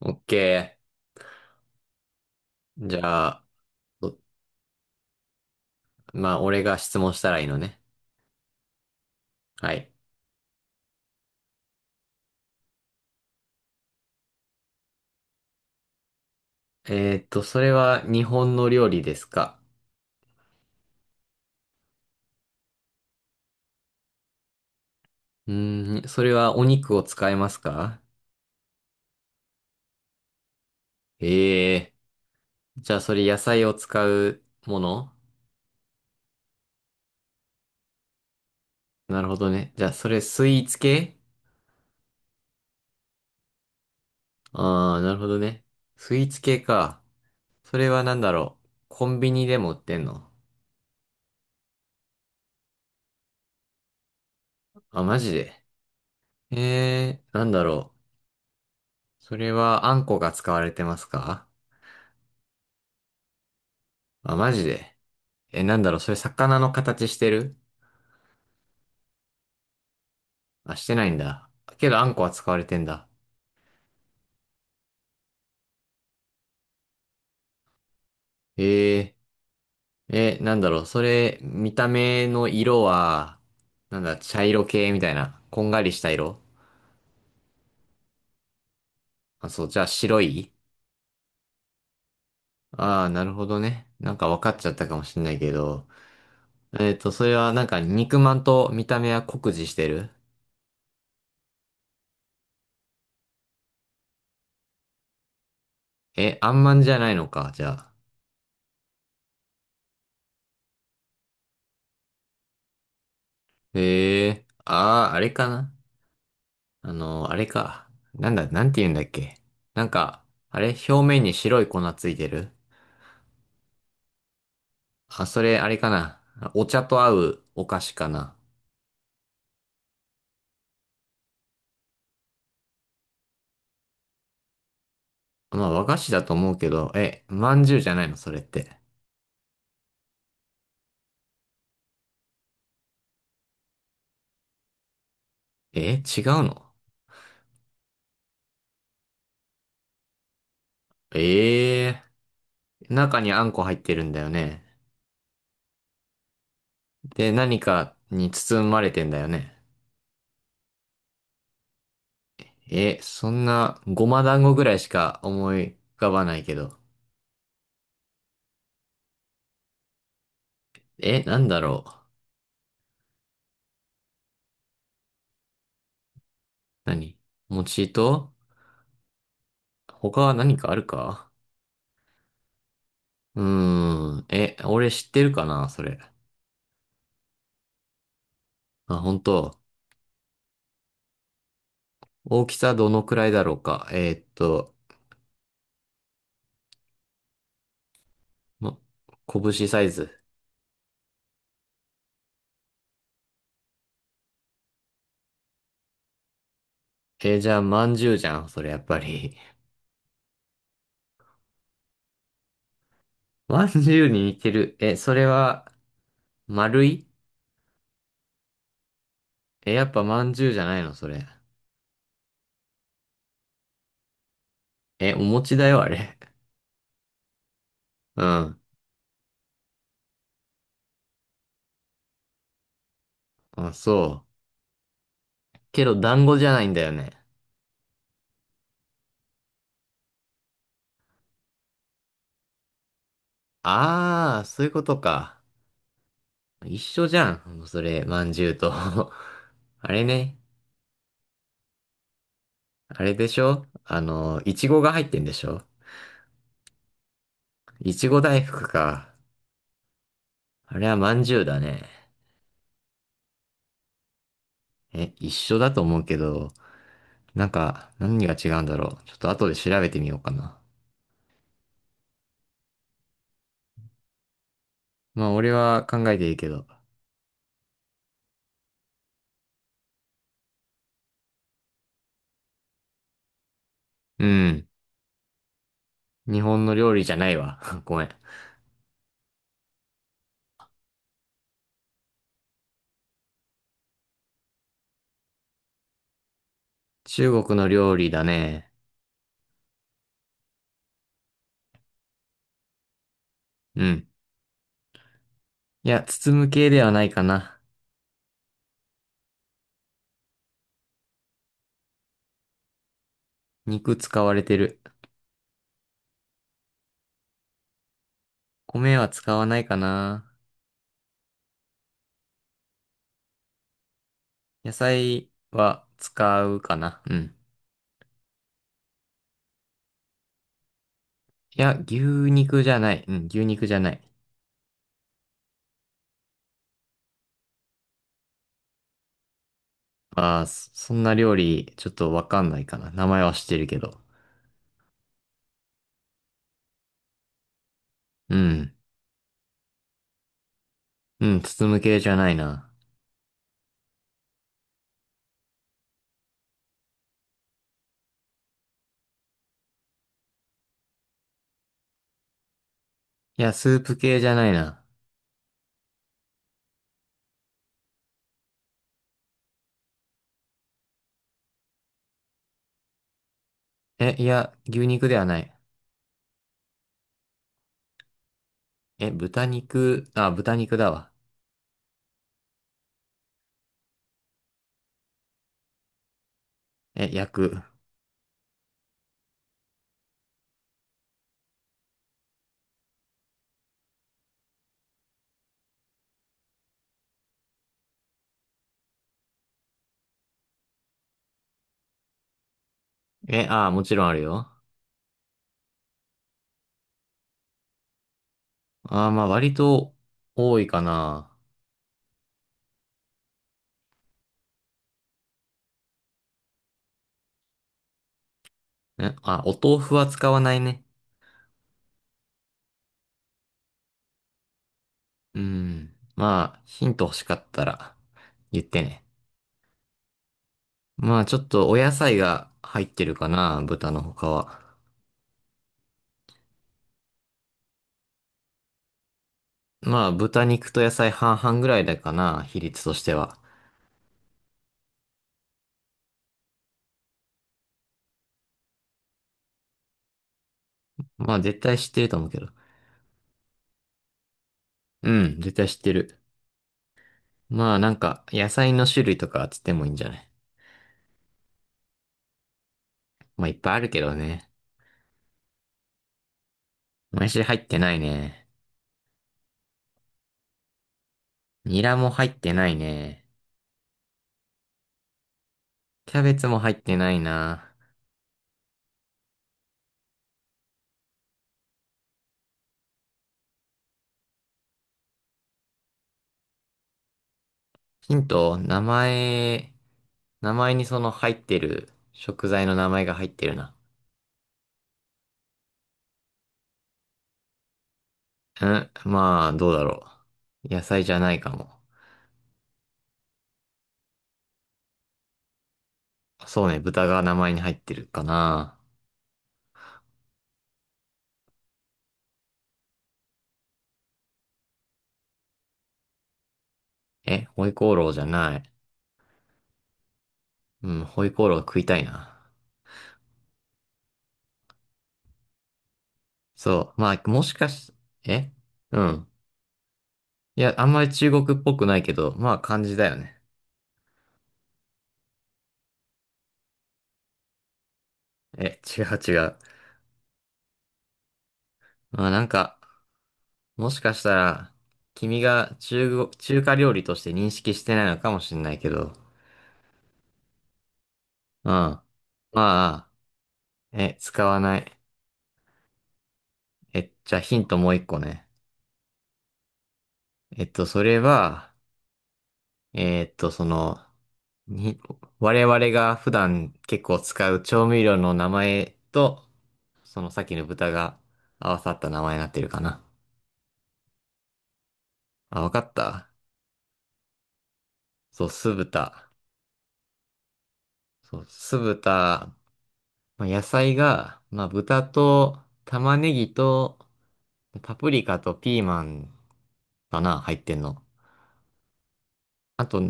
オッケー。じゃあ、どまあ、俺が質問したらいいのね。はい。それは日本の料理ですか？うーん、それはお肉を使いますか？ええー。じゃあ、それ野菜を使うもの？なるほどね。じゃあ、それスイーツ系？ああー、なるほどね。スイーツ系か。それはなんだろう。コンビニでも売ってんの？あ、マジで。ええー、なんだろう。それはあんこが使われてますか？あ、マジで。え、なんだろう、それ魚の形してる？あ、してないんだ。けど、あんこは使われてんだ。えなんだろう、それ、見た目の色は、なんだ、茶色系みたいな、こんがりした色？あ、そう、じゃあ白い？ああー、なるほどね。なんか分かっちゃったかもしんないけど。それはなんか肉まんと見た目は酷似してる？え、あんまんじゃないのか、じゃあ。ええー、ああ、あれかな。あれか。なんだ、なんて言うんだっけ。なんか、あれ表面に白い粉ついてる？あ、それ、あれかな。お茶と合うお菓子かな。まあ、和菓子だと思うけど、え、まんじゅうじゃないのそれって。え、違うの？ええー、中にあんこ入ってるんだよね。で、何かに包まれてんだよね。え、そんな、ごま団子ぐらいしか思い浮かばないけど。え、なんだろう。何？餅と他は何かあるか？うーん。え、俺知ってるかな、それ。あ、本当。大きさどのくらいだろうか。ま、拳サイズ。じゃあ、まんじゅうじゃん、それやっぱり。まんじゅうに似てる。え、それは、丸い？え、やっぱまんじゅうじゃないの、それ。え、お餅だよ、あれ。うん。あ、そう。けど、団子じゃないんだよね。あー、そういうことか。一緒じゃん、それ、まんじゅうと。あれね。あれでしょ？いちごが入ってんでしょ？いちご大福か。あれはまんじゅうだね。え、一緒だと思うけど、なんか、何が違うんだろう。ちょっと後で調べてみようかな。まあ、俺は考えていいけど。うん。日本の料理じゃないわ。ごめん。中国の料理だね。うん。いや、包む系ではないかな。肉使われてる。米は使わないかな。野菜は使うかな。うん。いや、牛肉じゃない。うん、牛肉じゃない。ああ、そんな料理、ちょっとわかんないかな。名前は知ってるけど。うん。うん、包む系じゃないな。いや、スープ系じゃないな。え、いや、牛肉ではない。え、豚肉、あ、豚肉だわ。え、焼く。え、あ、もちろんあるよ。ああ、まあ、割と多いかな。え、あ、お豆腐は使わないね。うん。まあ、ヒント欲しかったら言ってね。まあ、ちょっとお野菜が入ってるかな、豚の他は。まあ、豚肉と野菜半々ぐらいだかな、比率としては。まあ、絶対知ってると思うけど。うん、絶対知ってる。まあ、なんか、野菜の種類とかつってもいいんじゃない？まあ、いっぱいあるけどね。もやし入ってないね。ニラも入ってないね。キャベツも入ってないな。ヒント、名前にその入ってる食材の名前が入ってるな。うん、まあ、どうだろう。野菜じゃないかも。そうね、豚が名前に入ってるかな。え、ホイコーローじゃない。うん、ホイコーロー食いたいな。そう。まあ、もしかし、えうん。いや、あんまり中国っぽくないけど、まあ、漢字だよね。え、違う違う。まあ、なんか、もしかしたら、君が中華料理として認識してないのかもしれないけど、うん。まあ、使わない。え、じゃあヒントもう一個ね。それは、えっと、その、に、我々が普段結構使う調味料の名前と、そのさっきの豚が合わさった名前になってるかな。あ、わかった。そう、酢豚。そう、酢豚。まあ、野菜が、まあ、豚と玉ねぎとパプリカとピーマンかな、入ってんの。あと、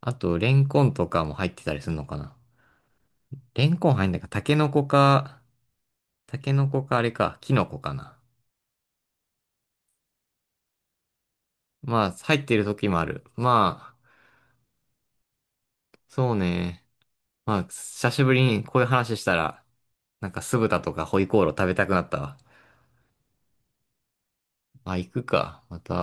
あと、レンコンとかも入ってたりするのかな。レンコン入んないか、タケノコかあれか、キノコかな。まあ、入ってる時もある。まあ、そうね。まあ、久しぶりにこういう話したら、なんか酢豚とかホイコーロー食べたくなったわ。まあ、行くか。また。